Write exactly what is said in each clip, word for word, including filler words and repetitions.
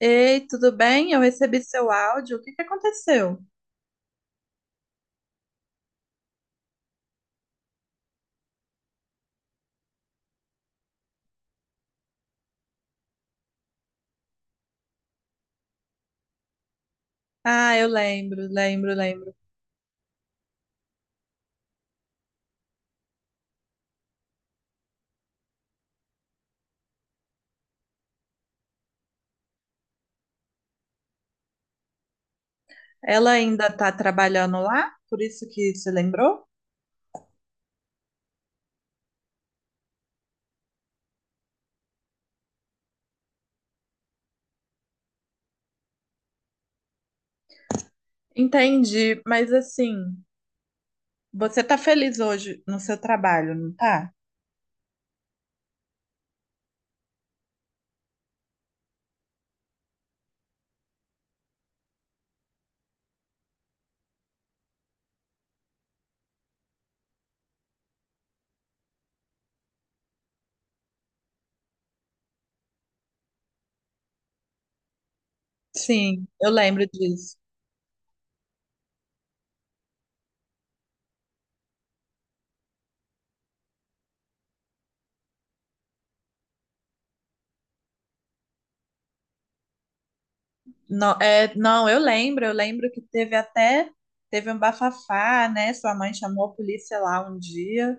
Ei, tudo bem? Eu recebi seu áudio. O que que aconteceu? Ah, eu lembro, lembro, lembro. Ela ainda tá trabalhando lá? Por isso que se lembrou? Entendi, mas assim, você tá feliz hoje no seu trabalho, não tá? Sim, eu lembro disso. Não, é, não, eu lembro, eu lembro que teve até, teve um bafafá, né? Sua mãe chamou a polícia lá um dia.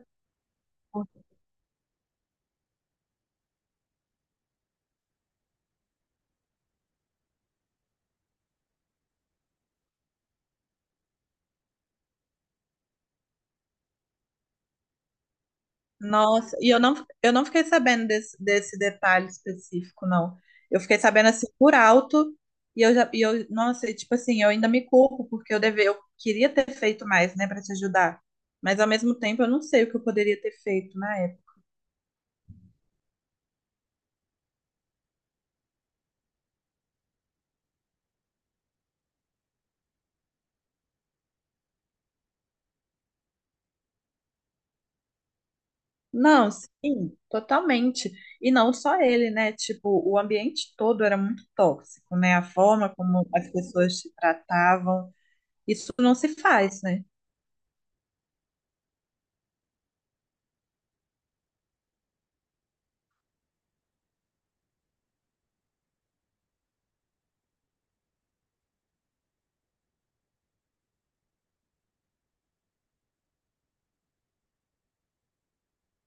Nossa, e eu não, eu não fiquei sabendo desse, desse detalhe específico, não. Eu fiquei sabendo assim por alto, e eu já, e eu, nossa, e, tipo assim, eu ainda me culpo, porque eu deve, eu queria ter feito mais, né, pra te ajudar. Mas ao mesmo tempo eu não sei o que eu poderia ter feito na época. Não, sim, totalmente. E não só ele, né? Tipo, o ambiente todo era muito tóxico, né? A forma como as pessoas se tratavam, isso não se faz, né?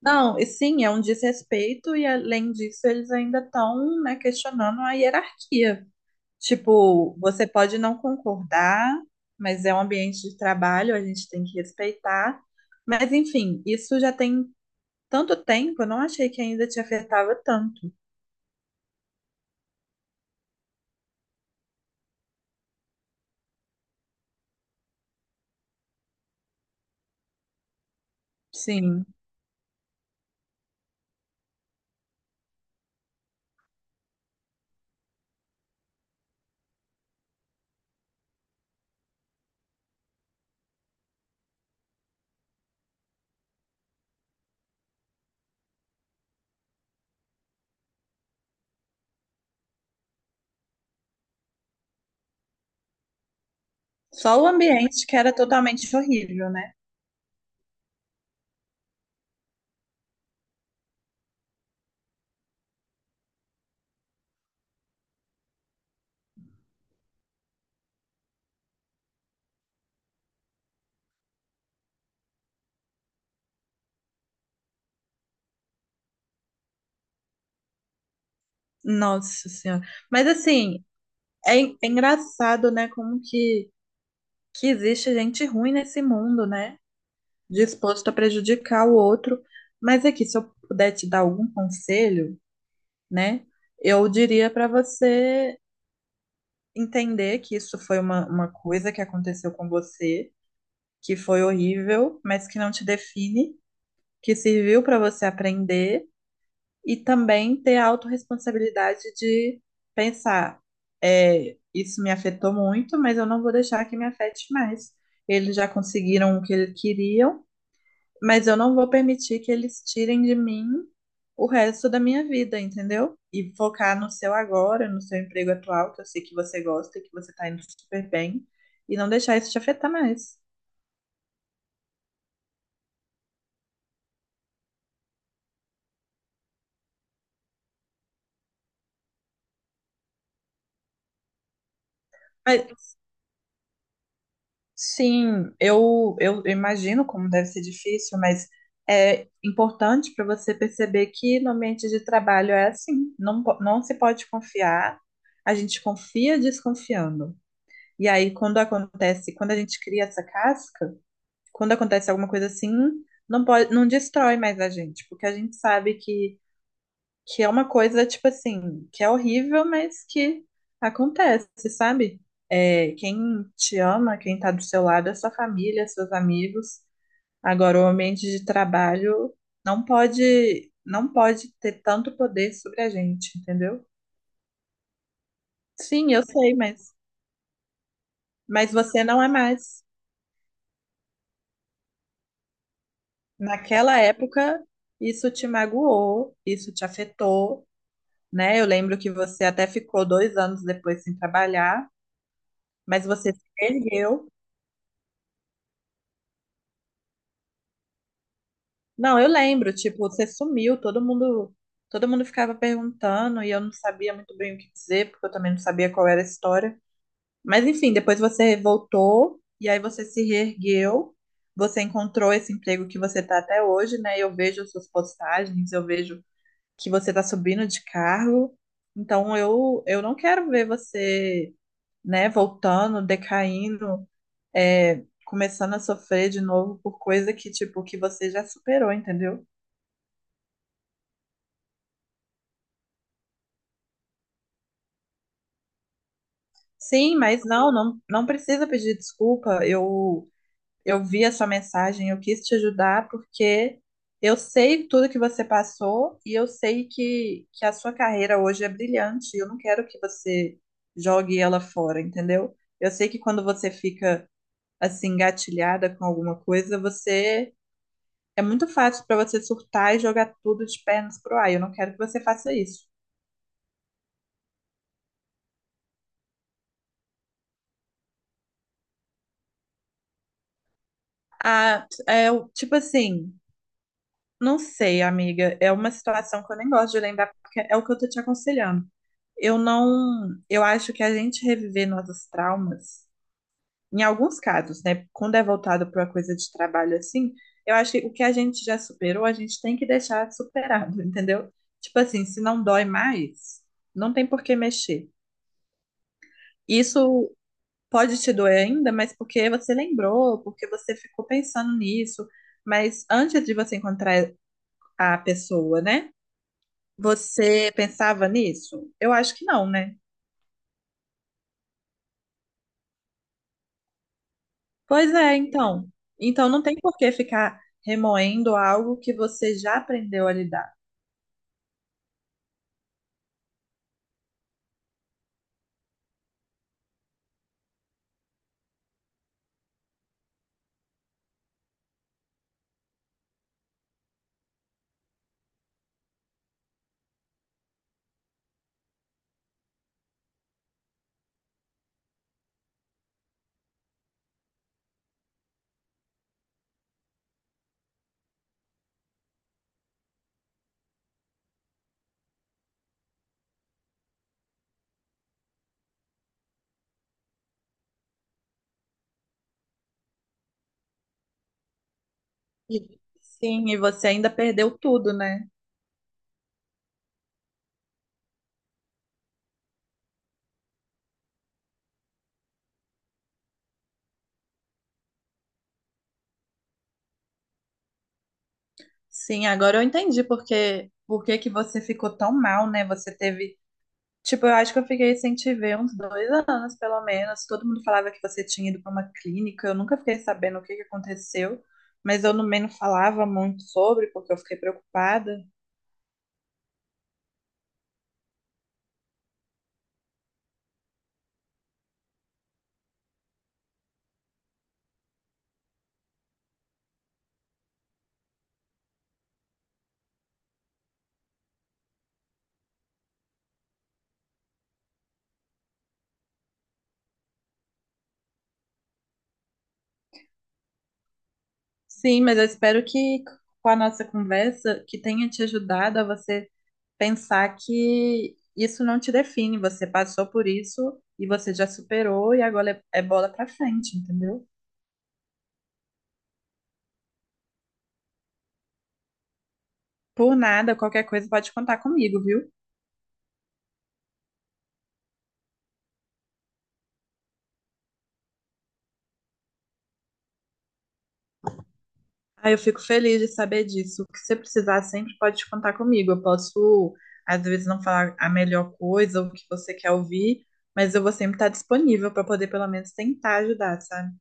Não, e sim, é um desrespeito, e além disso, eles ainda estão, né, questionando a hierarquia. Tipo, você pode não concordar, mas é um ambiente de trabalho, a gente tem que respeitar. Mas, enfim, isso já tem tanto tempo, eu não achei que ainda te afetava tanto. Sim, só o ambiente que era totalmente horrível, né? Nossa Senhora. Mas, assim, é, en- é engraçado, né, como que, que existe gente ruim nesse mundo, né? Disposto a prejudicar o outro. Mas aqui, se eu puder te dar algum conselho, né, eu diria para você entender que isso foi uma, uma coisa que aconteceu com você, que foi horrível, mas que não te define, que serviu para você aprender e também ter a autorresponsabilidade de pensar, é, isso me afetou muito, mas eu não vou deixar que me afete mais. Eles já conseguiram o que eles queriam Mas eu não vou permitir que eles tirem de mim o resto da minha vida, entendeu? E focar no seu agora, no seu emprego atual, que eu sei que você gosta, que você tá indo super bem, e não deixar isso te afetar mais. Mas, sim, eu, eu imagino como deve ser difícil, mas é importante para você perceber que no ambiente de trabalho é assim, não, po- não se pode confiar, a gente confia desconfiando. E aí, quando acontece, quando a gente cria essa casca, quando acontece alguma coisa assim, não pode, não destrói mais a gente, porque a gente sabe que, que é uma coisa, tipo assim, que é horrível, mas que acontece, sabe? É, quem te ama, quem tá do seu lado é sua família, seus amigos. Agora, o ambiente de trabalho não pode, não pode ter tanto poder sobre a gente, entendeu? Sim, eu sei, mas, mas você não é mais. Naquela época, isso te magoou, isso te afetou, né? Eu lembro que você até ficou dois anos depois sem trabalhar, mas você se ergueu. Não, eu lembro, tipo, você sumiu, todo mundo, todo mundo ficava perguntando e eu não sabia muito bem o que dizer, porque eu também não sabia qual era a história. Mas enfim, depois você voltou e aí você se reergueu, você encontrou esse emprego que você tá até hoje, né? Eu vejo suas postagens, eu vejo que você tá subindo de cargo. Então eu, eu não quero ver você, né, voltando, decaindo, é, começando a sofrer de novo por coisa que, tipo, que você já superou, entendeu? Sim, mas não, não, não precisa pedir desculpa. Eu, eu vi a sua mensagem, eu quis te ajudar porque eu sei tudo que você passou e eu sei que, que a sua carreira hoje é brilhante. e Eu não quero que você jogue ela fora, entendeu? Eu sei que quando você fica assim, engatilhada com alguma coisa, você é muito fácil pra você surtar e jogar tudo de pernas pro ar. Eu não quero que você faça isso. Ah, é o- tipo assim, não sei, amiga. É uma situação que eu nem gosto de lembrar, porque é o que eu tô te aconselhando. Eu não, eu acho que a gente reviver nossos traumas, em alguns casos, né? Quando é voltado para uma coisa de trabalho assim, eu acho que o que a gente já superou, a gente tem que deixar superado, entendeu? Tipo assim, se não dói mais, não tem por que mexer. Isso pode te doer ainda, mas porque você lembrou, porque você ficou pensando nisso. Mas antes de você encontrar a pessoa, né? Você pensava nisso? Eu acho que não, né? Pois é, então. Então não tem por que ficar remoendo algo que você já aprendeu a lidar. E- Sim, e você ainda perdeu tudo, né? Sim, agora eu entendi porque por que que você ficou tão mal, né? Você teve Tipo, eu acho que eu fiquei sem te ver uns dois anos, pelo menos. Todo mundo falava que você tinha ido para uma clínica. Eu nunca fiquei sabendo o que que aconteceu, mas eu também não falava muito sobre, porque eu fiquei preocupada. Sim, mas eu espero que com a nossa conversa, que tenha te ajudado a você pensar que isso não te define. Você passou por isso e você já superou e agora é é bola para frente, entendeu? Por nada, qualquer coisa pode contar comigo, viu? Ah, eu fico feliz de saber disso. O que você precisar sempre pode contar comigo. Eu posso, às vezes, não falar a melhor coisa ou o que você quer ouvir, mas eu vou sempre estar disponível para poder, pelo menos, tentar ajudar, sabe?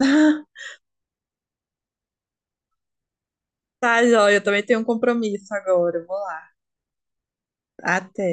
Tá, joia, eu também tenho um compromisso agora. Eu vou lá. Até.